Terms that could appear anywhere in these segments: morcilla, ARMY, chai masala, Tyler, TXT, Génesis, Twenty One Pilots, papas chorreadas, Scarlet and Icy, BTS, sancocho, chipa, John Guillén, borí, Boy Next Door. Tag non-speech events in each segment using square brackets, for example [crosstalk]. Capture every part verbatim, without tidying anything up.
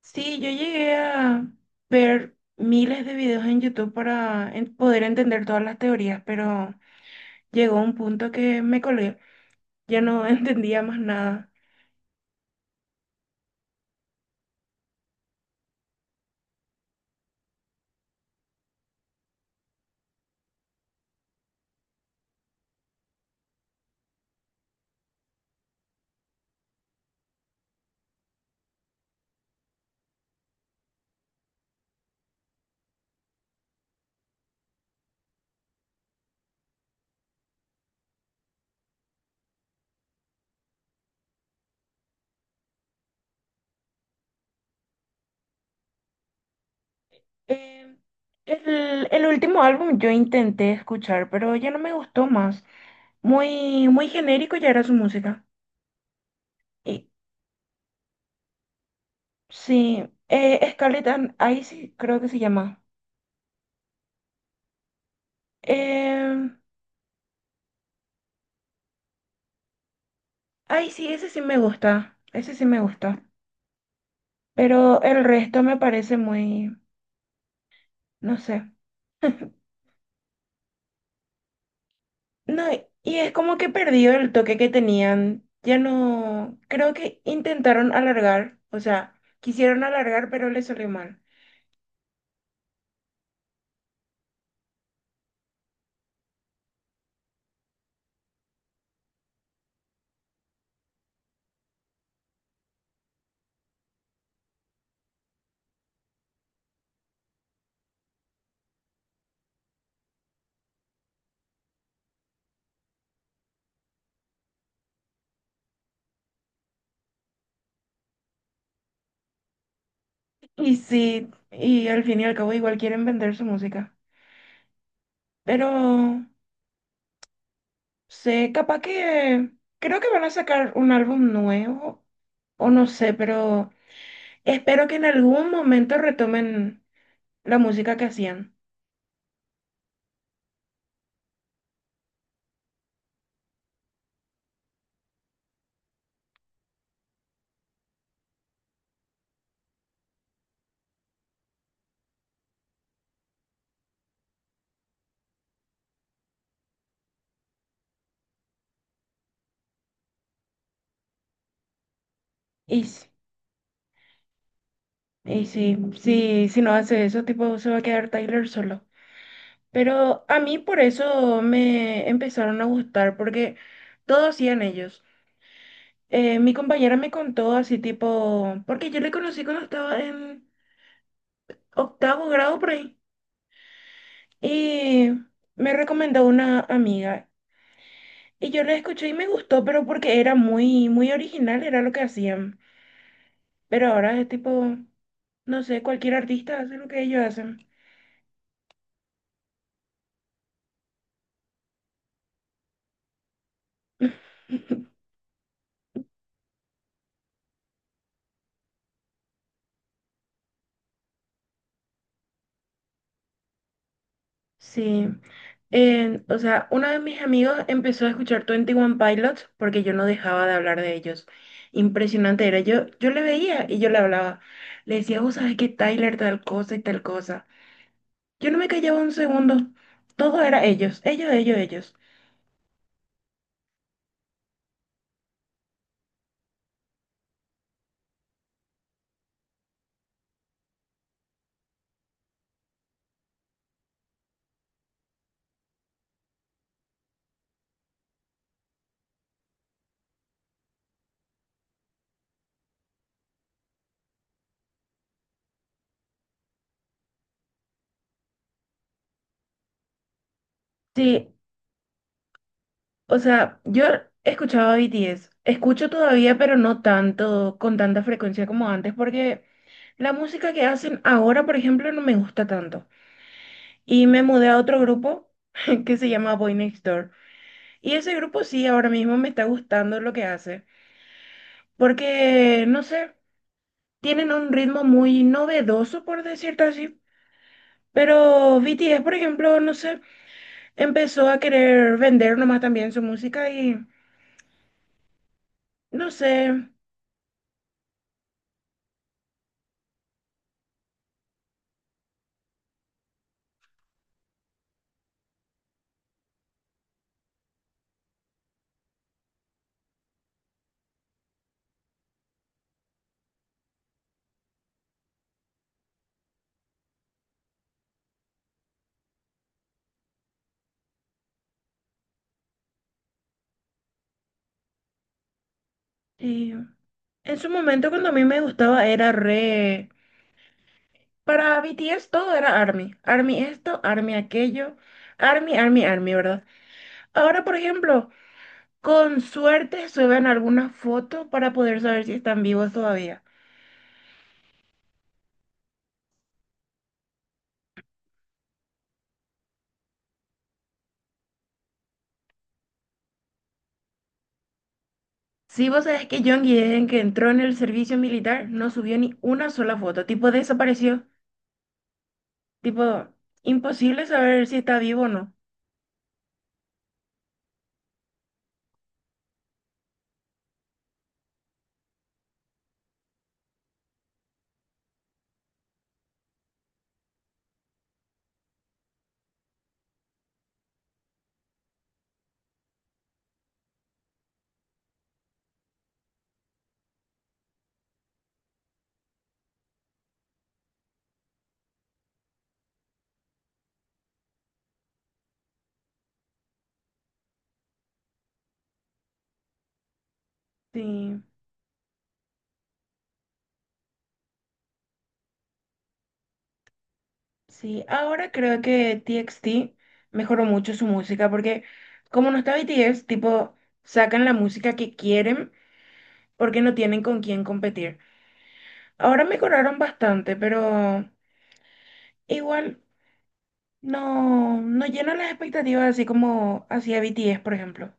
Sí, yo llegué a ver miles de videos en YouTube para en- poder entender todas las teorías, pero llegó un punto que me colé, ya no [laughs] entendía más nada. Eh, el, el último álbum yo intenté escuchar, pero ya no me gustó más. Muy, muy genérico ya era su música. Y, sí, eh, Scarlet, and Icy creo que se llama. Eh, ay, sí, ese sí me gusta, ese sí me gusta, pero el resto me parece muy, no sé. No, y es como que perdido el toque que tenían. Ya no, creo que intentaron alargar, o sea, quisieron alargar, pero les salió mal. Y sí, y al fin y al cabo igual quieren vender su música. Pero sé, capaz que creo que van a sacar un álbum nuevo, o no sé, pero espero que en algún momento retomen la música que hacían. Y, s- y sí, sí, si no hace eso, tipo, se va a quedar Tyler solo. Pero a mí por eso me empezaron a gustar, porque todo hacían ellos. Eh, mi compañera me contó así tipo, porque yo le conocí cuando estaba en octavo grado por ahí, y me recomendó una amiga. Y yo la escuché y me gustó, pero porque era muy, muy original, era lo que hacían. Pero ahora es tipo, no sé, cualquier artista hace lo que ellos hacen. Sí, Eh, o sea, uno de mis amigos empezó a escuchar Twenty One Pilots porque yo no dejaba de hablar de ellos. Impresionante era, yo, yo le veía y yo le hablaba. Le decía, vos sabés que Tyler tal cosa y tal cosa. Yo no me callaba un segundo, todo era ellos, ellos, ellos, ellos. Sí, o sea, yo escuchaba B T S, escucho todavía, pero no tanto, con tanta frecuencia como antes, porque la música que hacen ahora, por ejemplo, no me gusta tanto. Y me mudé a otro grupo [laughs] que se llama Boy Next Door. Y ese grupo sí, ahora mismo me está gustando lo que hace. Porque, no sé, tienen un ritmo muy novedoso, por decirlo así. Pero B T S, por ejemplo, no sé, empezó a querer vender nomás también su música y, no sé, y en su momento cuando a mí me gustaba era re... Para BTS todo era ARMY. ARMY esto, ARMY aquello. ARMY, ARMY, ARMY, ¿verdad? Ahora, por ejemplo... Con suerte suben algunas fotos para poder saber si están vivos todavía. ¿Si vos sabés que John Guillén, que entró en el servicio militar, no subió ni una sola foto? Tipo, desapareció. Tipo, imposible saber si está vivo o no. Sí, sí. Ahora creo que T X T mejoró mucho su música porque como no está B T S, tipo, sacan la música que quieren porque no tienen con quién competir. Ahora mejoraron bastante, pero igual. No, no llena las expectativas así como hacía B T S por ejemplo.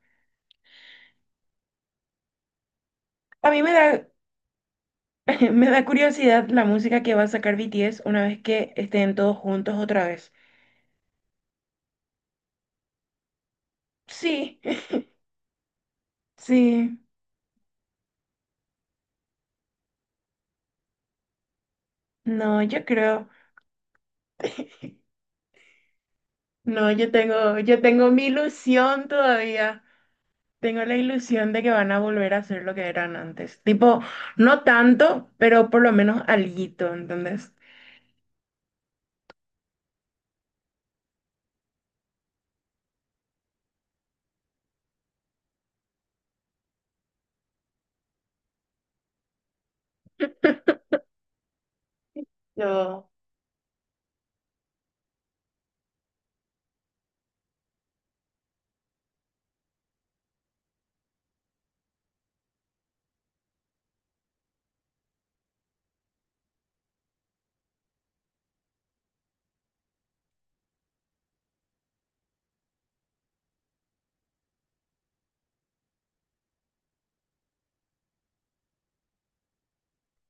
A mí me da, [laughs] me da curiosidad la música que va a sacar B T S una vez que estén todos juntos otra vez. Sí, [laughs] sí. No, yo creo. No, yo tengo, yo tengo mi ilusión todavía. Tengo la ilusión de que van a volver a ser lo que eran antes. Tipo, no tanto, pero por lo menos alguito, ¿entendés? [laughs] Yo,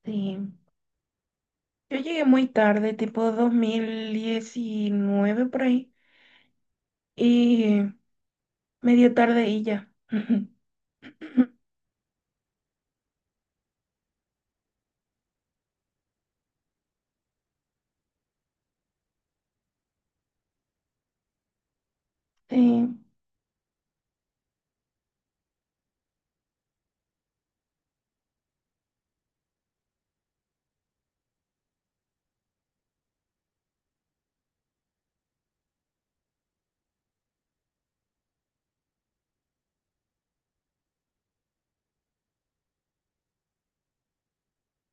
sí. Yo llegué muy tarde, tipo dos mil diecinueve por ahí, y medio tarde y ya. [laughs] Sí,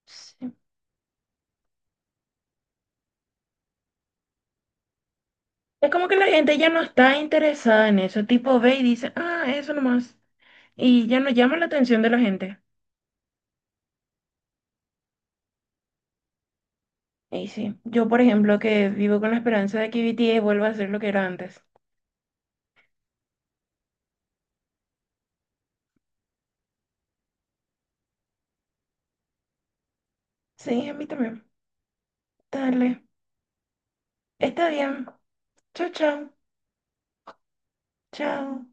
sí. Es como que la gente ya no está interesada en eso, tipo ve y dice, ah, eso nomás, y ya no llama la atención de la gente. Y sí, yo por ejemplo que vivo con la esperanza de que B T S vuelva a ser lo que era antes. Sí, a mí también. Dale, está bien. Chao, chao, chao.